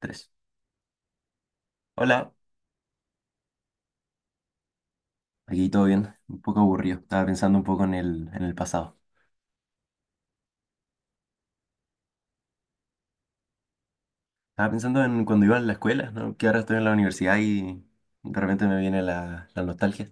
Tres. Hola, aquí todo bien, un poco aburrido. Estaba pensando un poco en el pasado. Estaba pensando en cuando iba a la escuela, ¿no? Que ahora estoy en la universidad y de repente me viene la nostalgia.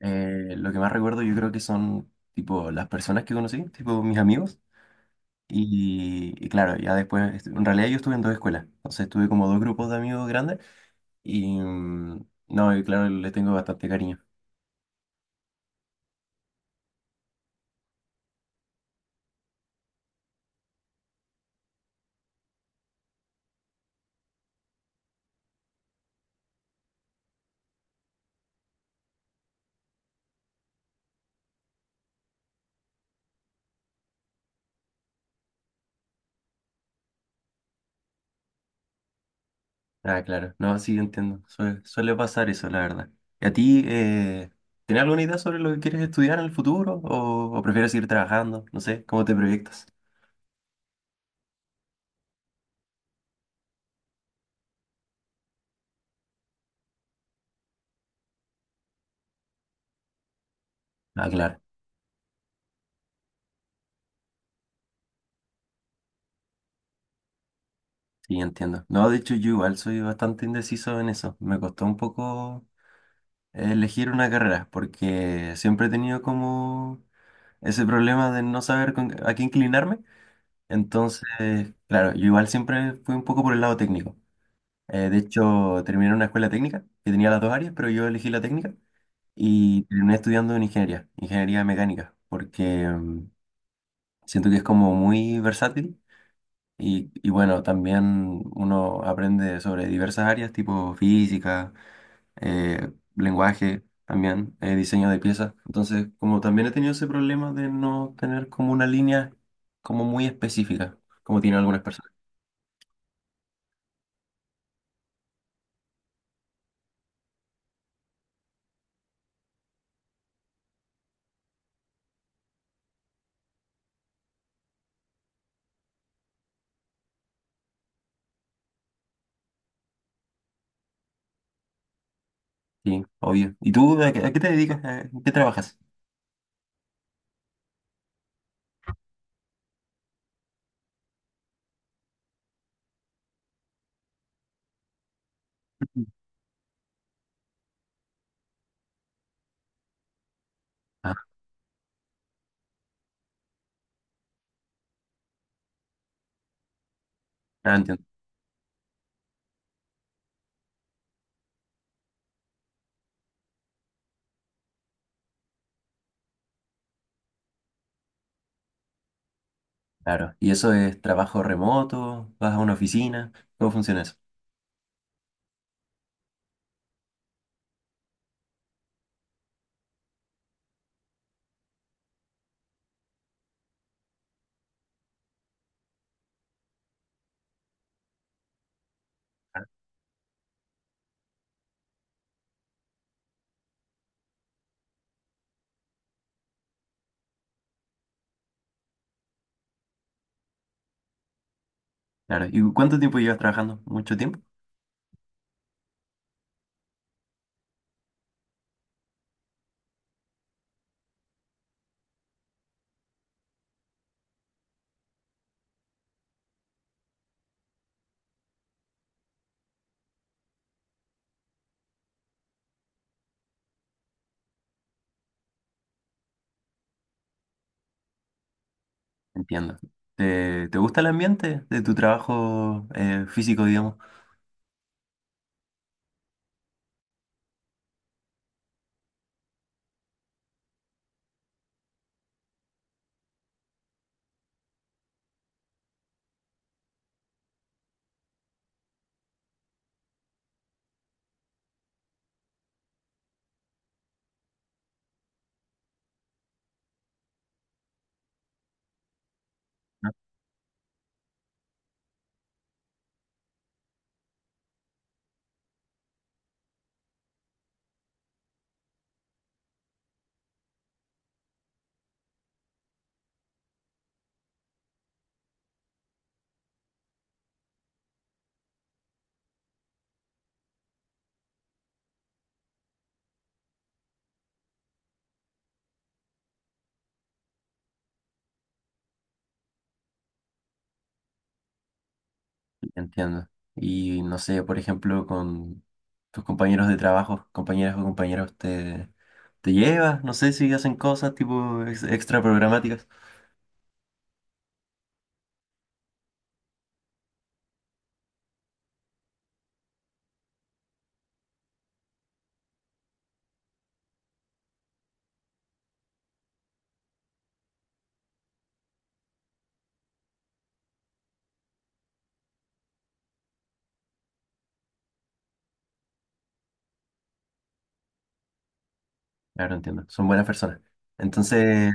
Lo que más recuerdo yo creo que son tipo las personas que conocí, tipo mis amigos. Y claro, ya después, en realidad yo estuve en dos escuelas, entonces tuve como dos grupos de amigos grandes y no, y claro, les tengo bastante cariño. Ah, claro. No, sí, entiendo. Suele pasar eso, la verdad. ¿Y a ti, tienes alguna idea sobre lo que quieres estudiar en el futuro? ¿O prefieres seguir trabajando? No sé, ¿cómo te proyectas? Ah, claro. Sí, entiendo. No, de hecho, yo igual soy bastante indeciso en eso. Me costó un poco elegir una carrera porque siempre he tenido como ese problema de no saber a qué inclinarme. Entonces, claro, yo igual siempre fui un poco por el lado técnico. De hecho, terminé en una escuela técnica que tenía las dos áreas, pero yo elegí la técnica. Y terminé estudiando en ingeniería, ingeniería mecánica, porque siento que es como muy versátil y bueno, también uno aprende sobre diversas áreas, tipo física, eh, lenguaje, también diseño de piezas. Entonces, como también he tenido ese problema de no tener como una línea como muy específica, como tienen algunas personas. Sí, obvio. ¿Y tú a qué te dedicas? ¿En qué trabajas? Ujú. Ah, ah, entiendo. Claro. ¿Y eso es trabajo remoto? ¿Vas a una oficina? ¿Cómo funciona eso? Claro. ¿Y cuánto tiempo llevas trabajando? ¿Mucho tiempo? Entiendo. ¿Te gusta el ambiente de tu trabajo físico, digamos? ¿No? Entiendo. Y no sé, por ejemplo, con tus compañeros de trabajo, compañeras o compañeros, ¿te, te llevas? No sé si hacen cosas tipo extra programáticas. Claro, entiendo. Son buenas personas. Entonces,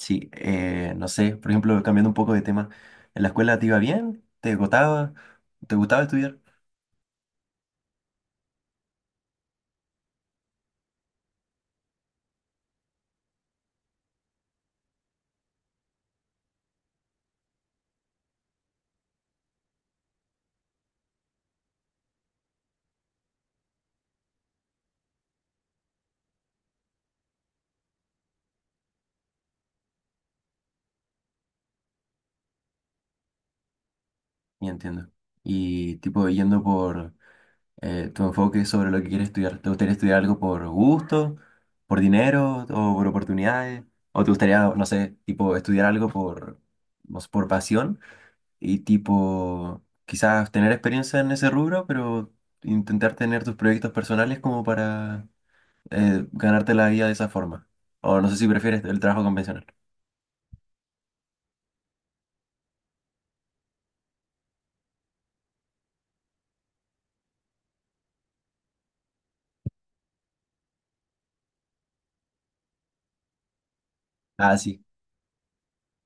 sí, no sé, por ejemplo, cambiando un poco de tema, ¿en la escuela te iba bien? ¿Te gustaba? ¿Te gustaba estudiar? Ya entiendo. Y tipo, yendo por tu enfoque sobre lo que quieres estudiar, ¿te gustaría estudiar algo por gusto, por dinero o por oportunidades? ¿O te gustaría, no sé, tipo, estudiar algo por, no sé, por pasión y tipo, quizás tener experiencia en ese rubro, pero intentar tener tus proyectos personales como para ganarte la vida de esa forma. O no sé si prefieres el trabajo convencional. Ah, sí,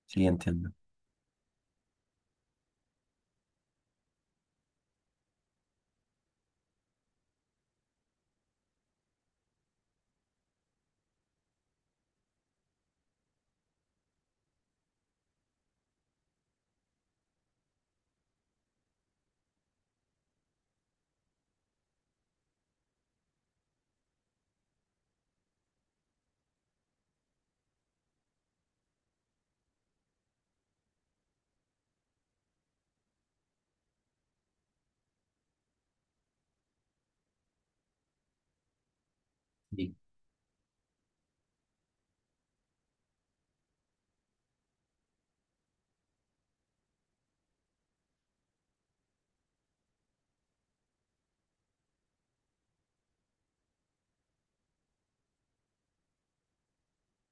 sí, entiendo. Sí.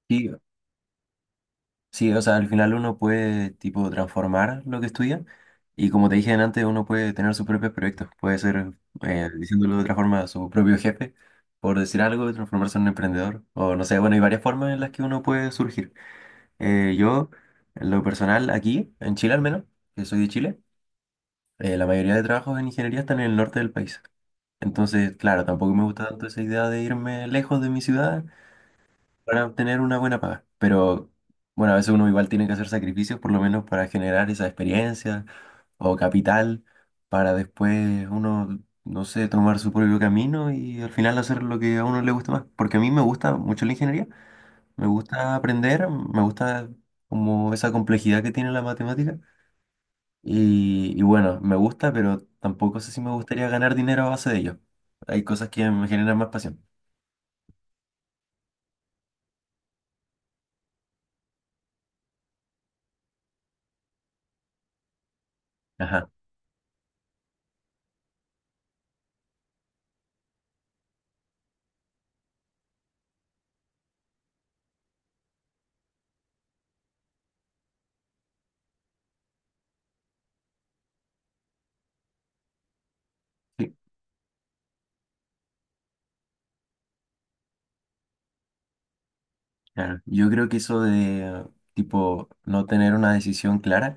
Sí, sí, o sea, al final uno puede, tipo, transformar lo que estudia y como te dije antes, uno puede tener sus propios proyectos. Puede ser, diciéndolo de otra forma, su propio jefe, por decir algo, transformarse en un emprendedor. O no sé, bueno, hay varias formas en las que uno puede surgir. Eh, yo, en lo personal, aquí, en Chile al menos, que soy de Chile, la mayoría de trabajos en ingeniería están en el norte del país. Entonces, claro, tampoco me gusta tanto esa idea de irme lejos de mi ciudad para obtener una buena paga. Pero bueno, a veces uno igual tiene que hacer sacrificios, por lo menos para generar esa experiencia o capital, para después uno, no sé, tomar su propio camino y al final hacer lo que a uno le gusta más. Porque a mí me gusta mucho la ingeniería, me gusta aprender, me gusta como esa complejidad que tiene la matemática. Y bueno, me gusta, pero tampoco sé si me gustaría ganar dinero a base de ello. Hay cosas que me generan más pasión. Ajá, sí, claro. Yo creo que eso de, tipo, no tener una decisión clara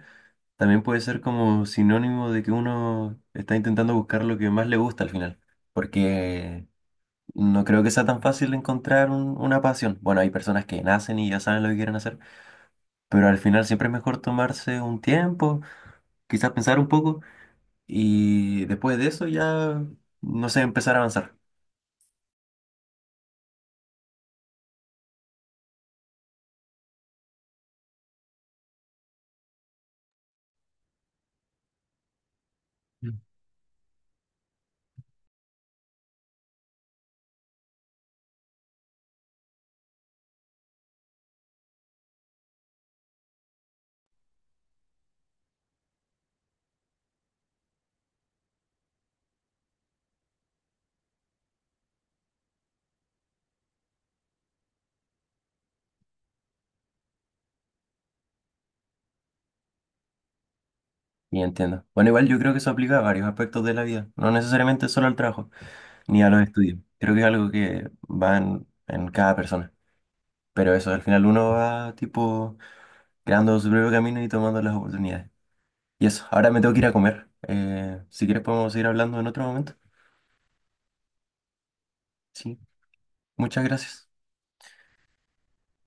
también puede ser como sinónimo de que uno está intentando buscar lo que más le gusta al final. Porque no creo que sea tan fácil encontrar una pasión. Bueno, hay personas que nacen y ya saben lo que quieren hacer, pero al final siempre es mejor tomarse un tiempo, quizás pensar un poco. Y después de eso ya, no sé, empezar a avanzar. Y entiendo. Bueno, igual yo creo que eso aplica a varios aspectos de la vida, no necesariamente solo al trabajo, ni a los estudios. Creo que es algo que va en cada persona. Pero eso, al final uno va tipo creando su propio camino y tomando las oportunidades. Y eso, ahora me tengo que ir a comer. Si quieres podemos seguir hablando en otro momento. Sí, muchas gracias.